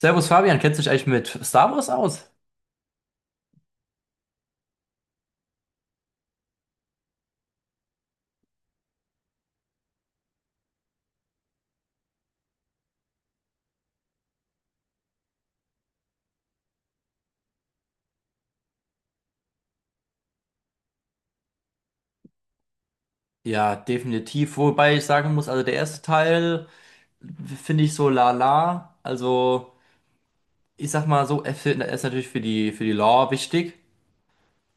Servus Fabian, kennst du dich eigentlich mit Star Wars aus? Ja, definitiv. Wobei ich sagen muss, also der erste Teil finde ich so lala. Also ich sag mal so, er ist natürlich für die Lore wichtig,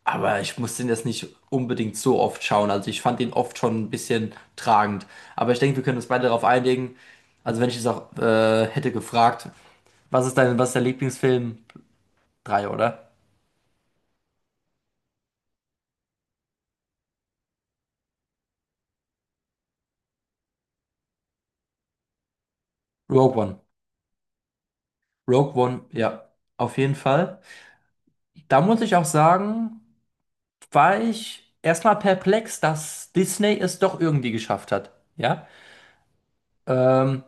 aber ich muss den jetzt nicht unbedingt so oft schauen. Also ich fand ihn oft schon ein bisschen tragend. Aber ich denke, wir können uns beide darauf einigen. Also wenn ich es auch hätte gefragt, was ist der Lieblingsfilm? Drei, oder? Rogue One. Rogue One, ja, auf jeden Fall. Da muss ich auch sagen, war ich erstmal perplex, dass Disney es doch irgendwie geschafft hat. Ja, ähm,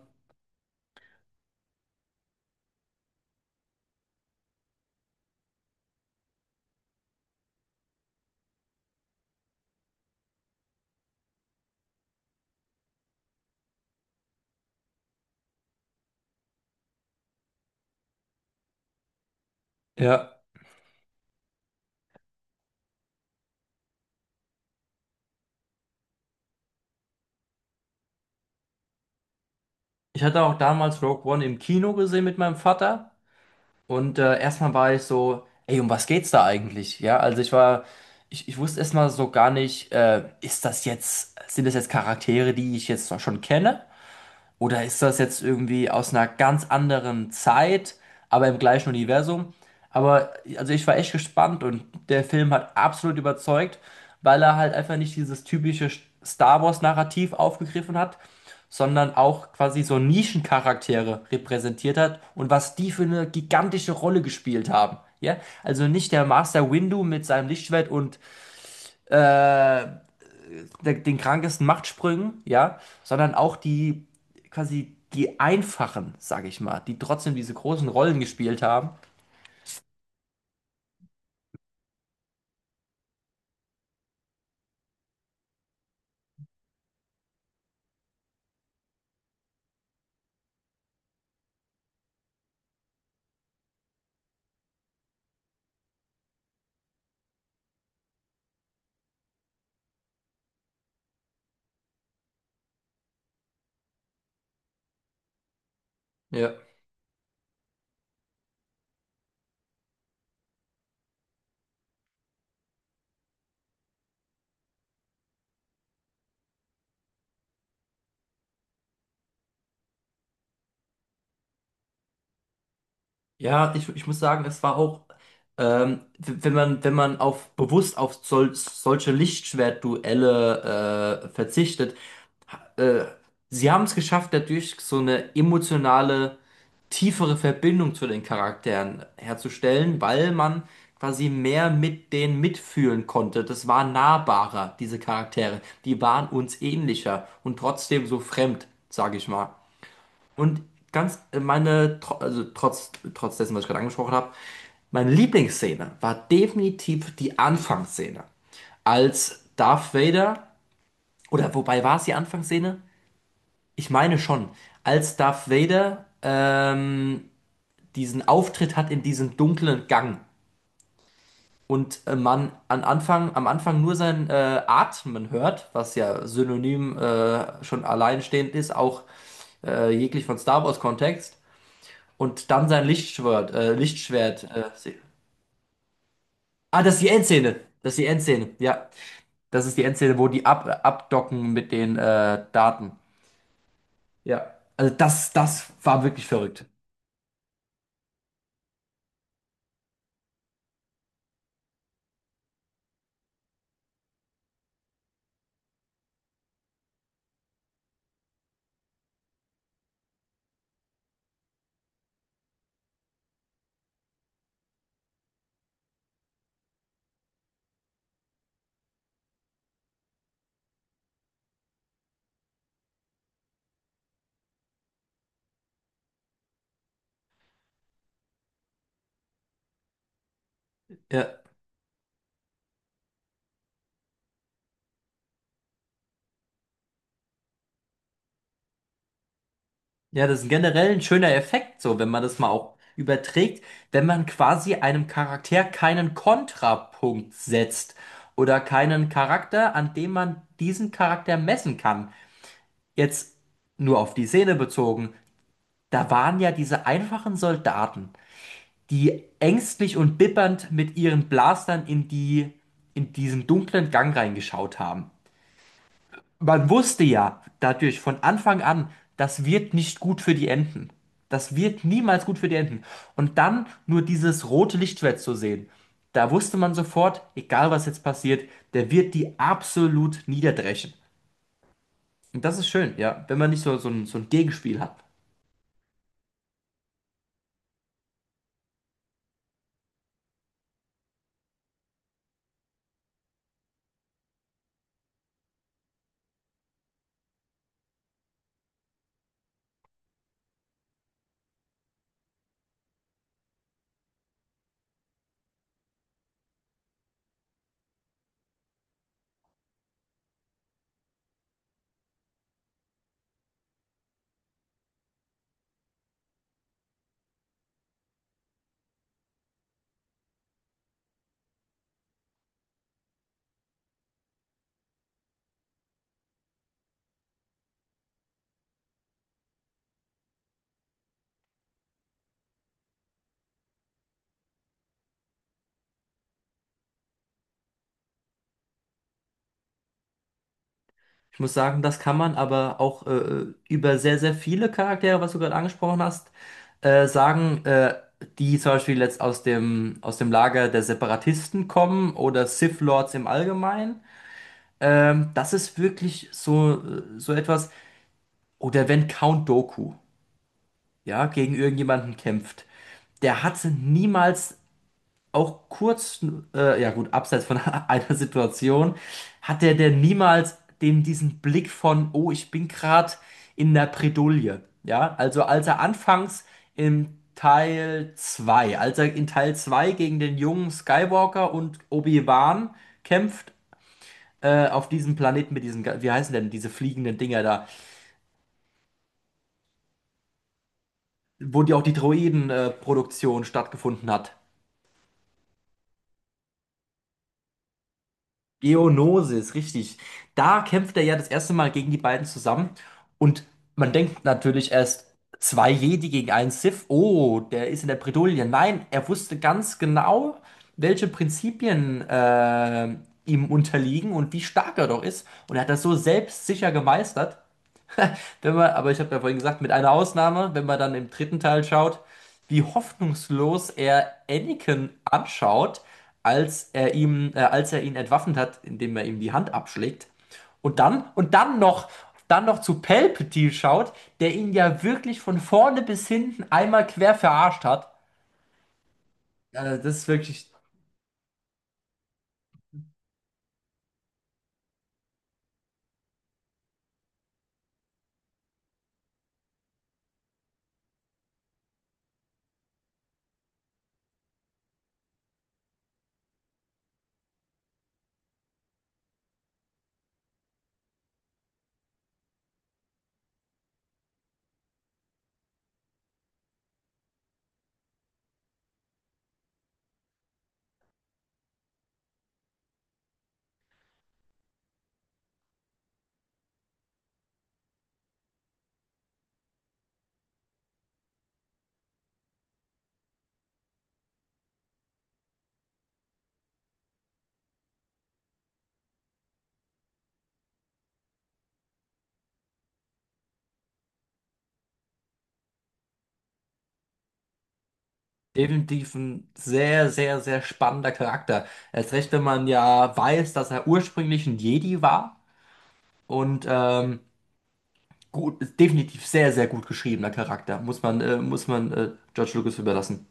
ja. Ich hatte auch damals Rogue One im Kino gesehen mit meinem Vater und erstmal war ich so, ey, um was geht's da eigentlich? Ja, also ich wusste erstmal so gar nicht, ist das jetzt, sind das jetzt Charaktere, die ich jetzt schon kenne? Oder ist das jetzt irgendwie aus einer ganz anderen Zeit, aber im gleichen Universum? Aber also ich war echt gespannt und der Film hat absolut überzeugt, weil er halt einfach nicht dieses typische Star Wars-Narrativ aufgegriffen hat, sondern auch quasi so Nischencharaktere repräsentiert hat und was die für eine gigantische Rolle gespielt haben. Ja? Also nicht der Master Windu mit seinem Lichtschwert und äh, der, den krankesten Machtsprüngen, ja, sondern auch die die einfachen, sage ich mal, die trotzdem diese großen Rollen gespielt haben. Ja, ja, ich muss sagen, es war auch, wenn man auf bewusst auf solche Lichtschwertduelle verzichtet, äh, sie haben es geschafft, dadurch so eine emotionale, tiefere Verbindung zu den Charakteren herzustellen, weil man quasi mehr mit denen mitfühlen konnte. Das war nahbarer, diese Charaktere. Die waren uns ähnlicher und trotzdem so fremd, sage ich mal. Und ganz meine, tro- also trotz, trotz dessen, was ich gerade angesprochen habe, meine Lieblingsszene war definitiv die Anfangsszene als Darth Vader, oder wobei war es die Anfangsszene? Ich meine schon, als Darth Vader diesen Auftritt hat in diesem dunklen Gang und am Anfang nur sein Atmen hört, was ja synonym schon alleinstehend ist, auch jeglich von Star Wars Kontext, und dann sein Lichtschwert, ah, das ist die Endszene. Das ist die Endszene, ja. Das ist die Endszene, wo die abdocken mit den Daten. Ja. Also das war wirklich verrückt. Ja. Ja, das ist generell ein schöner Effekt, so, wenn man das mal auch überträgt, wenn man quasi einem Charakter keinen Kontrapunkt setzt oder keinen Charakter, an dem man diesen Charakter messen kann. Jetzt nur auf die Szene bezogen, da waren ja diese einfachen Soldaten, die ängstlich und bibbernd mit ihren Blastern in diesen dunklen Gang reingeschaut haben. Man wusste ja dadurch von Anfang an, das wird nicht gut für die Enten. Das wird niemals gut für die Enten. Und dann nur dieses rote Lichtschwert zu sehen, da wusste man sofort, egal was jetzt passiert, der wird die absolut niederdreschen. Und das ist schön, ja, wenn man nicht so ein Gegenspiel hat. Ich muss sagen, das kann man aber auch über sehr, sehr viele Charaktere, was du gerade angesprochen hast, sagen, die zum Beispiel jetzt aus dem Lager der Separatisten kommen oder Sith Lords im Allgemeinen. Das ist wirklich so, so etwas. Oder wenn Count Dooku, ja, gegen irgendjemanden kämpft, der hatte niemals auch kurz, ja gut, abseits von einer Situation, hat der denn niemals dem diesen Blick von, oh, ich bin gerade in der Bredouille. Ja, also als er in Teil 2 gegen den jungen Skywalker und Obi-Wan kämpft, auf diesem Planeten mit diesen, wie heißen denn diese fliegenden Dinger da, wo die auch die Droiden-Produktion stattgefunden hat. Geonosis, richtig. Da kämpft er ja das erste Mal gegen die beiden zusammen und man denkt natürlich erst, zwei Jedi gegen einen Sith, oh, der ist in der Bredouille. Nein, er wusste ganz genau, welche Prinzipien ihm unterliegen und wie stark er doch ist und er hat das so selbstsicher gemeistert. Wenn man, aber ich habe ja vorhin gesagt, mit einer Ausnahme, wenn man dann im dritten Teil schaut, wie hoffnungslos er Anakin anschaut, als er ihn entwaffnet hat, indem er ihm die Hand abschlägt. Und dann, und dann noch, dann noch zu Palpatine schaut, der ihn ja wirklich von vorne bis hinten einmal quer verarscht hat. Das ist wirklich definitiv ein sehr, sehr, sehr spannender Charakter. Erst recht, wenn man ja weiß, dass er ursprünglich ein Jedi war und gut, ist definitiv sehr, sehr gut geschriebener Charakter. Muss man, George Lucas überlassen.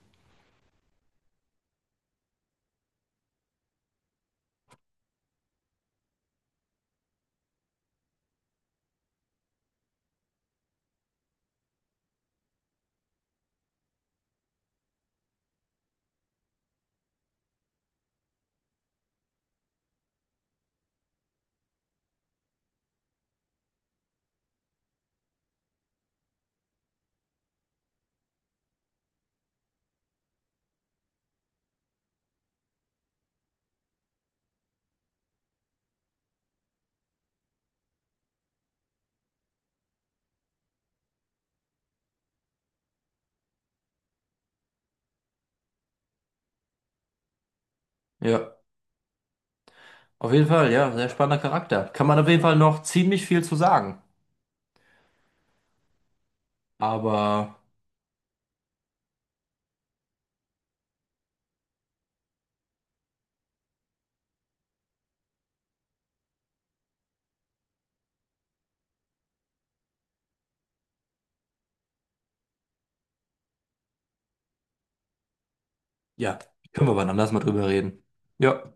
Ja, auf jeden Fall, ja, sehr spannender Charakter. Kann man auf jeden Fall noch ziemlich viel zu sagen. Aber ja, können wir wann anders mal drüber reden. Ja,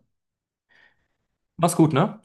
mach's gut, ne?